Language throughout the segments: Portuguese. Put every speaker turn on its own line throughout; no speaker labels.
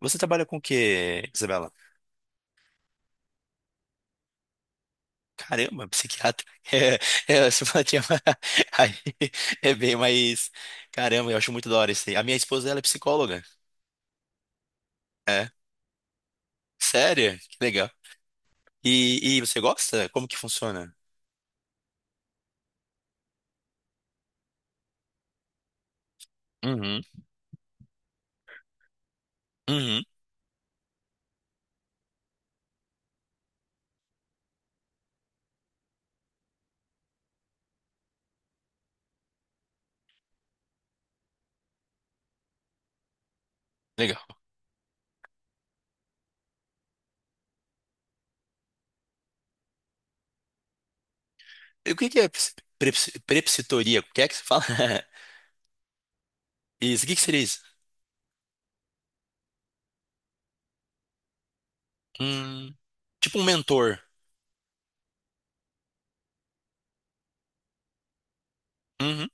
Você trabalha com o quê, Isabela? Caramba, psiquiatra. Você fala, aí é bem mais. Caramba, eu acho muito da hora isso aí. A minha esposa, ela é psicóloga. É. Sério? Que legal. E você gosta? Como que funciona? Uhum, uhum, legal. E o que que é prepositoria? O que é que você fala? Isso, o que que seria isso? Hum, tipo um mentor. Uhum,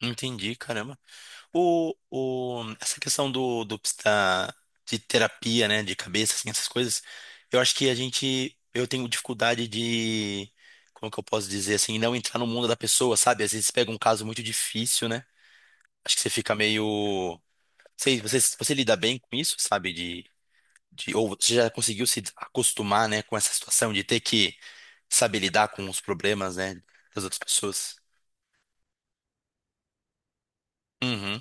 entendi, caramba. Essa questão de terapia, né, de cabeça, assim, essas coisas, eu acho que eu tenho dificuldade de, como que eu posso dizer, assim, não entrar no mundo da pessoa, sabe? Às vezes pega um caso muito difícil, né? Acho que você fica meio, sei, você lida bem com isso, sabe? Ou você já conseguiu se acostumar, né, com essa situação de ter que saber lidar com os problemas, né, das outras pessoas? Uhum,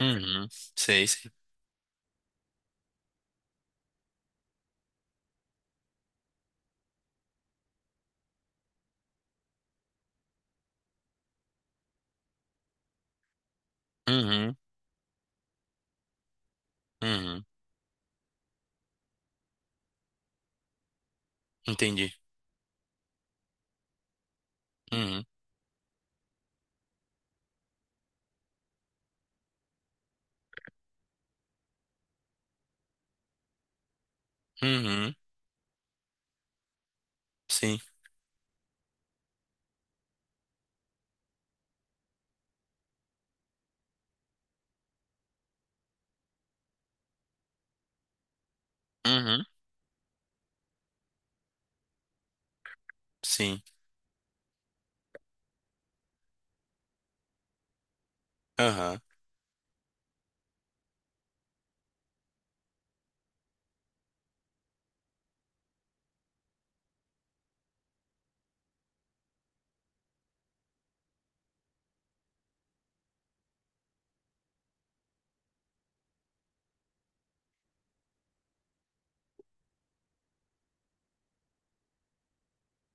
uhum, sei, sei. Uhum, uhum, entendi. Uhum, uhum, sim, uhum, sim, aham.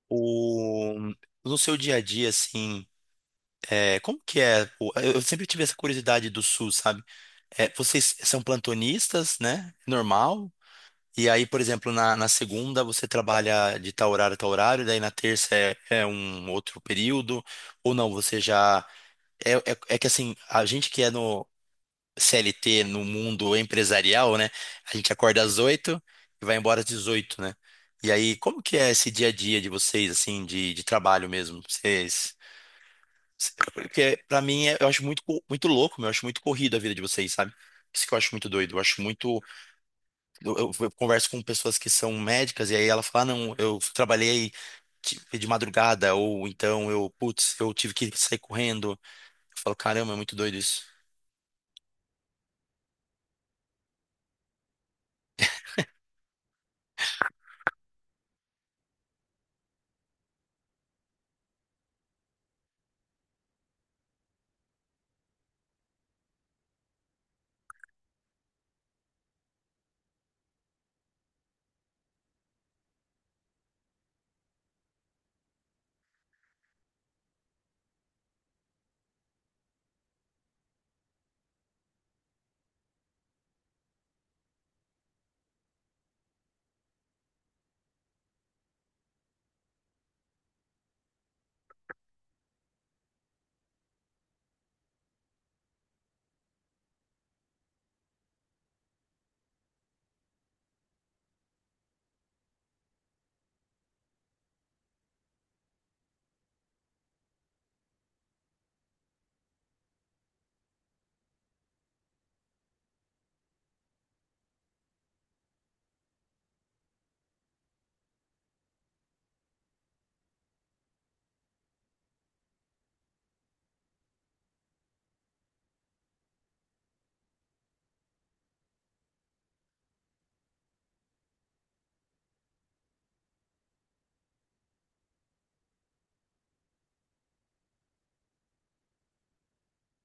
O... No seu dia a dia, assim, é, como que é? Eu sempre tive essa curiosidade do SUS, sabe? É, vocês são plantonistas, né? Normal. E aí, por exemplo, na segunda você trabalha de tal horário a tal horário, daí na terça é um outro período, ou não, você já. É que assim, a gente que é CLT no mundo empresarial, né? A gente acorda às 8h e vai embora às 18h, né? E aí, como que é esse dia a dia de vocês, assim, de trabalho mesmo? Porque pra mim eu acho muito louco, meu, eu acho muito corrido a vida de vocês, sabe? Isso que eu acho muito doido. Eu acho muito. Eu converso com pessoas que são médicas e aí ela fala, ah, não, eu trabalhei de madrugada, ou então eu, putz, eu tive que sair correndo. Eu falo, caramba, é muito doido isso.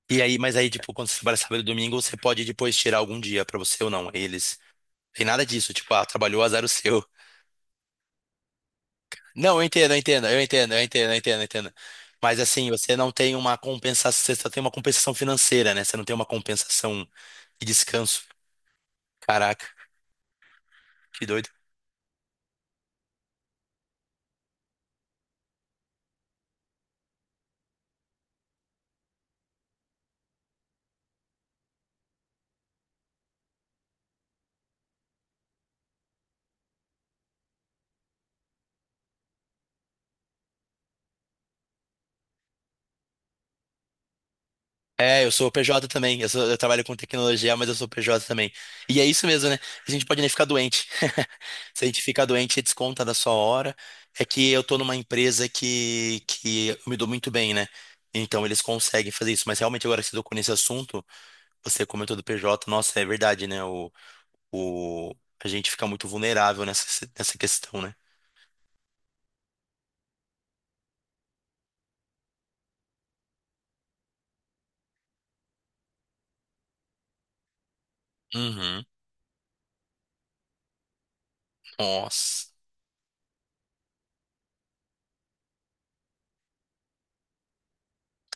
E aí, mas aí, tipo, quando você trabalha sábado e domingo, você pode depois tirar algum dia pra você ou não. Eles. Tem nada disso, tipo, ah, trabalhou, azar o seu. Não, eu entendo, eu entendo, eu entendo, eu entendo, eu entendo, eu entendo. Mas assim, você não tem uma compensação, você só tem uma compensação financeira, né? Você não tem uma compensação de descanso. Caraca, que doido. É, eu sou PJ também. Eu trabalho com tecnologia, mas eu sou PJ também. E é isso mesmo, né? A gente pode nem ficar doente. Se a gente ficar doente, desconta da sua hora. É que eu tô numa empresa que eu me dou muito bem, né? Então eles conseguem fazer isso. Mas realmente agora que você tocou nesse assunto, você comentou do PJ, nossa, é verdade, né? O, a gente fica muito vulnerável nessa questão, né? Uhum. Nossa.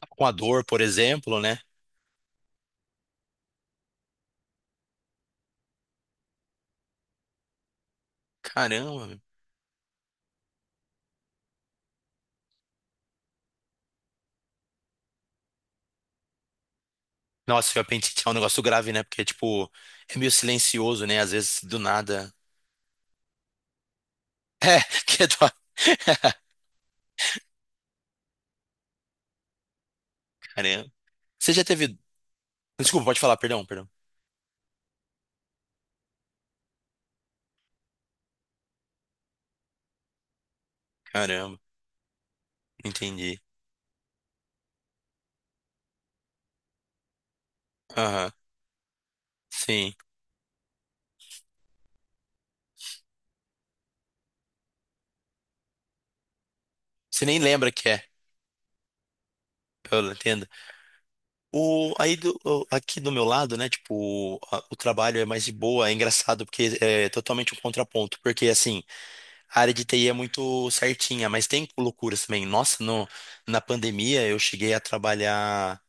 Com a dor, por exemplo, né? Caramba. Nossa, o apendicite é um negócio grave, né? Porque, tipo, é meio silencioso, né? Às vezes, do nada. É, que dó. Caramba. Você já teve. Desculpa, pode falar, perdão, perdão. Caramba, entendi. Aham, sim. Você nem lembra que é. Eu entendo. O, aí do, o- aqui do meu lado, né? Tipo, o trabalho é mais de boa, é engraçado, porque é totalmente um contraponto. Porque, assim, a área de TI é muito certinha, mas tem loucuras também. Nossa, no, na pandemia eu cheguei a trabalhar.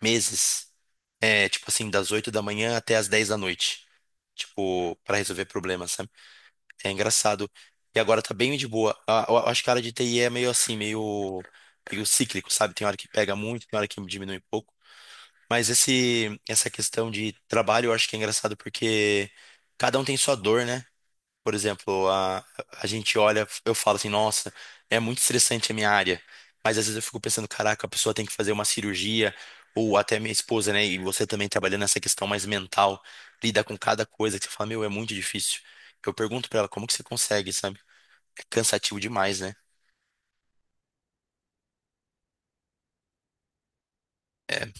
Meses, é, tipo assim, das 8h da manhã até as 22h, tipo, para resolver problemas, sabe? É engraçado. E agora tá bem de boa. Eu acho que a área de TI é meio assim, meio cíclico, sabe? Tem hora que pega muito, tem hora que diminui um pouco. Mas essa questão de trabalho eu acho que é engraçado porque cada um tem sua dor, né? Por exemplo, a gente olha, eu falo assim, nossa, é muito estressante a minha área. Mas às vezes eu fico pensando, caraca, a pessoa tem que fazer uma cirurgia, ou até minha esposa, né? E você também trabalhando nessa questão mais mental, lida com cada coisa que você fala, meu, é muito difícil. Eu pergunto pra ela, como que você consegue, sabe? É cansativo demais, né? É.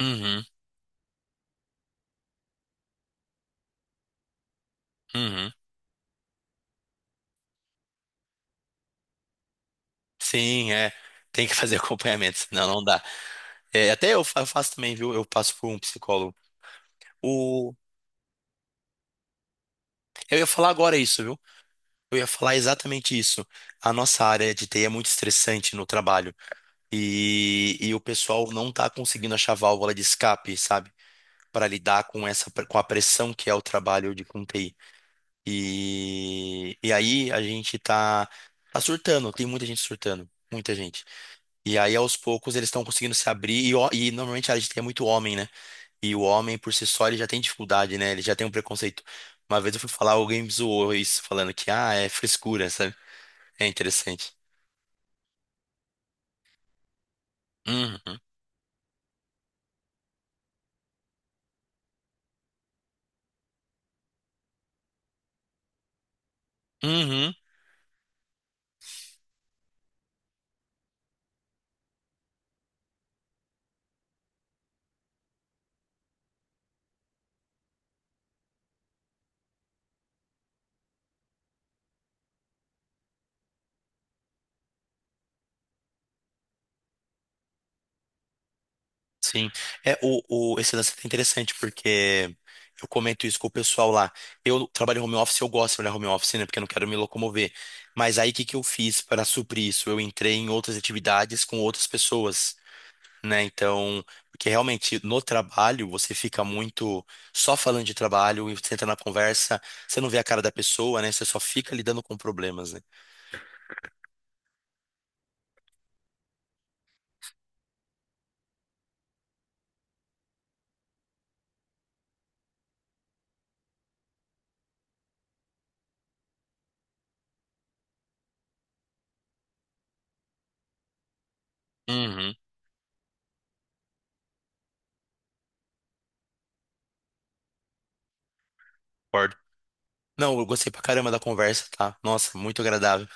Uhum, uhum. Sim, é. Tem que fazer acompanhamento, senão não dá. É, até eu eu faço também, viu? Eu passo por um psicólogo. O... Eu ia falar agora isso, viu? Eu ia falar exatamente isso. A nossa área de TI é muito estressante no trabalho e o pessoal não está conseguindo achar válvula de escape, sabe? Para lidar com com a pressão que é o trabalho de com TI. Aí a gente tá surtando, tem muita gente surtando, muita gente. E aí aos poucos eles estão conseguindo se abrir e normalmente a área de TI é muito homem, né? E o homem por si só ele já tem dificuldade, né? Ele já tem um preconceito. Uma vez eu fui falar, alguém me zoou isso, falando que, ah, é frescura, sabe? É interessante. Uhum. Uhum. Sim. É, esse lance é interessante porque eu comento isso com o pessoal lá. Eu trabalho em home office, eu gosto de trabalhar home office, né? Porque eu não quero me locomover. Mas aí o que que eu fiz para suprir isso? Eu entrei em outras atividades com outras pessoas, né? Então, porque realmente no trabalho você fica muito só falando de trabalho e você entra na conversa, você não vê a cara da pessoa, né? Você só fica lidando com problemas, né? Uhum. Concordo. Não, eu gostei pra caramba da conversa, tá? Nossa, muito agradável.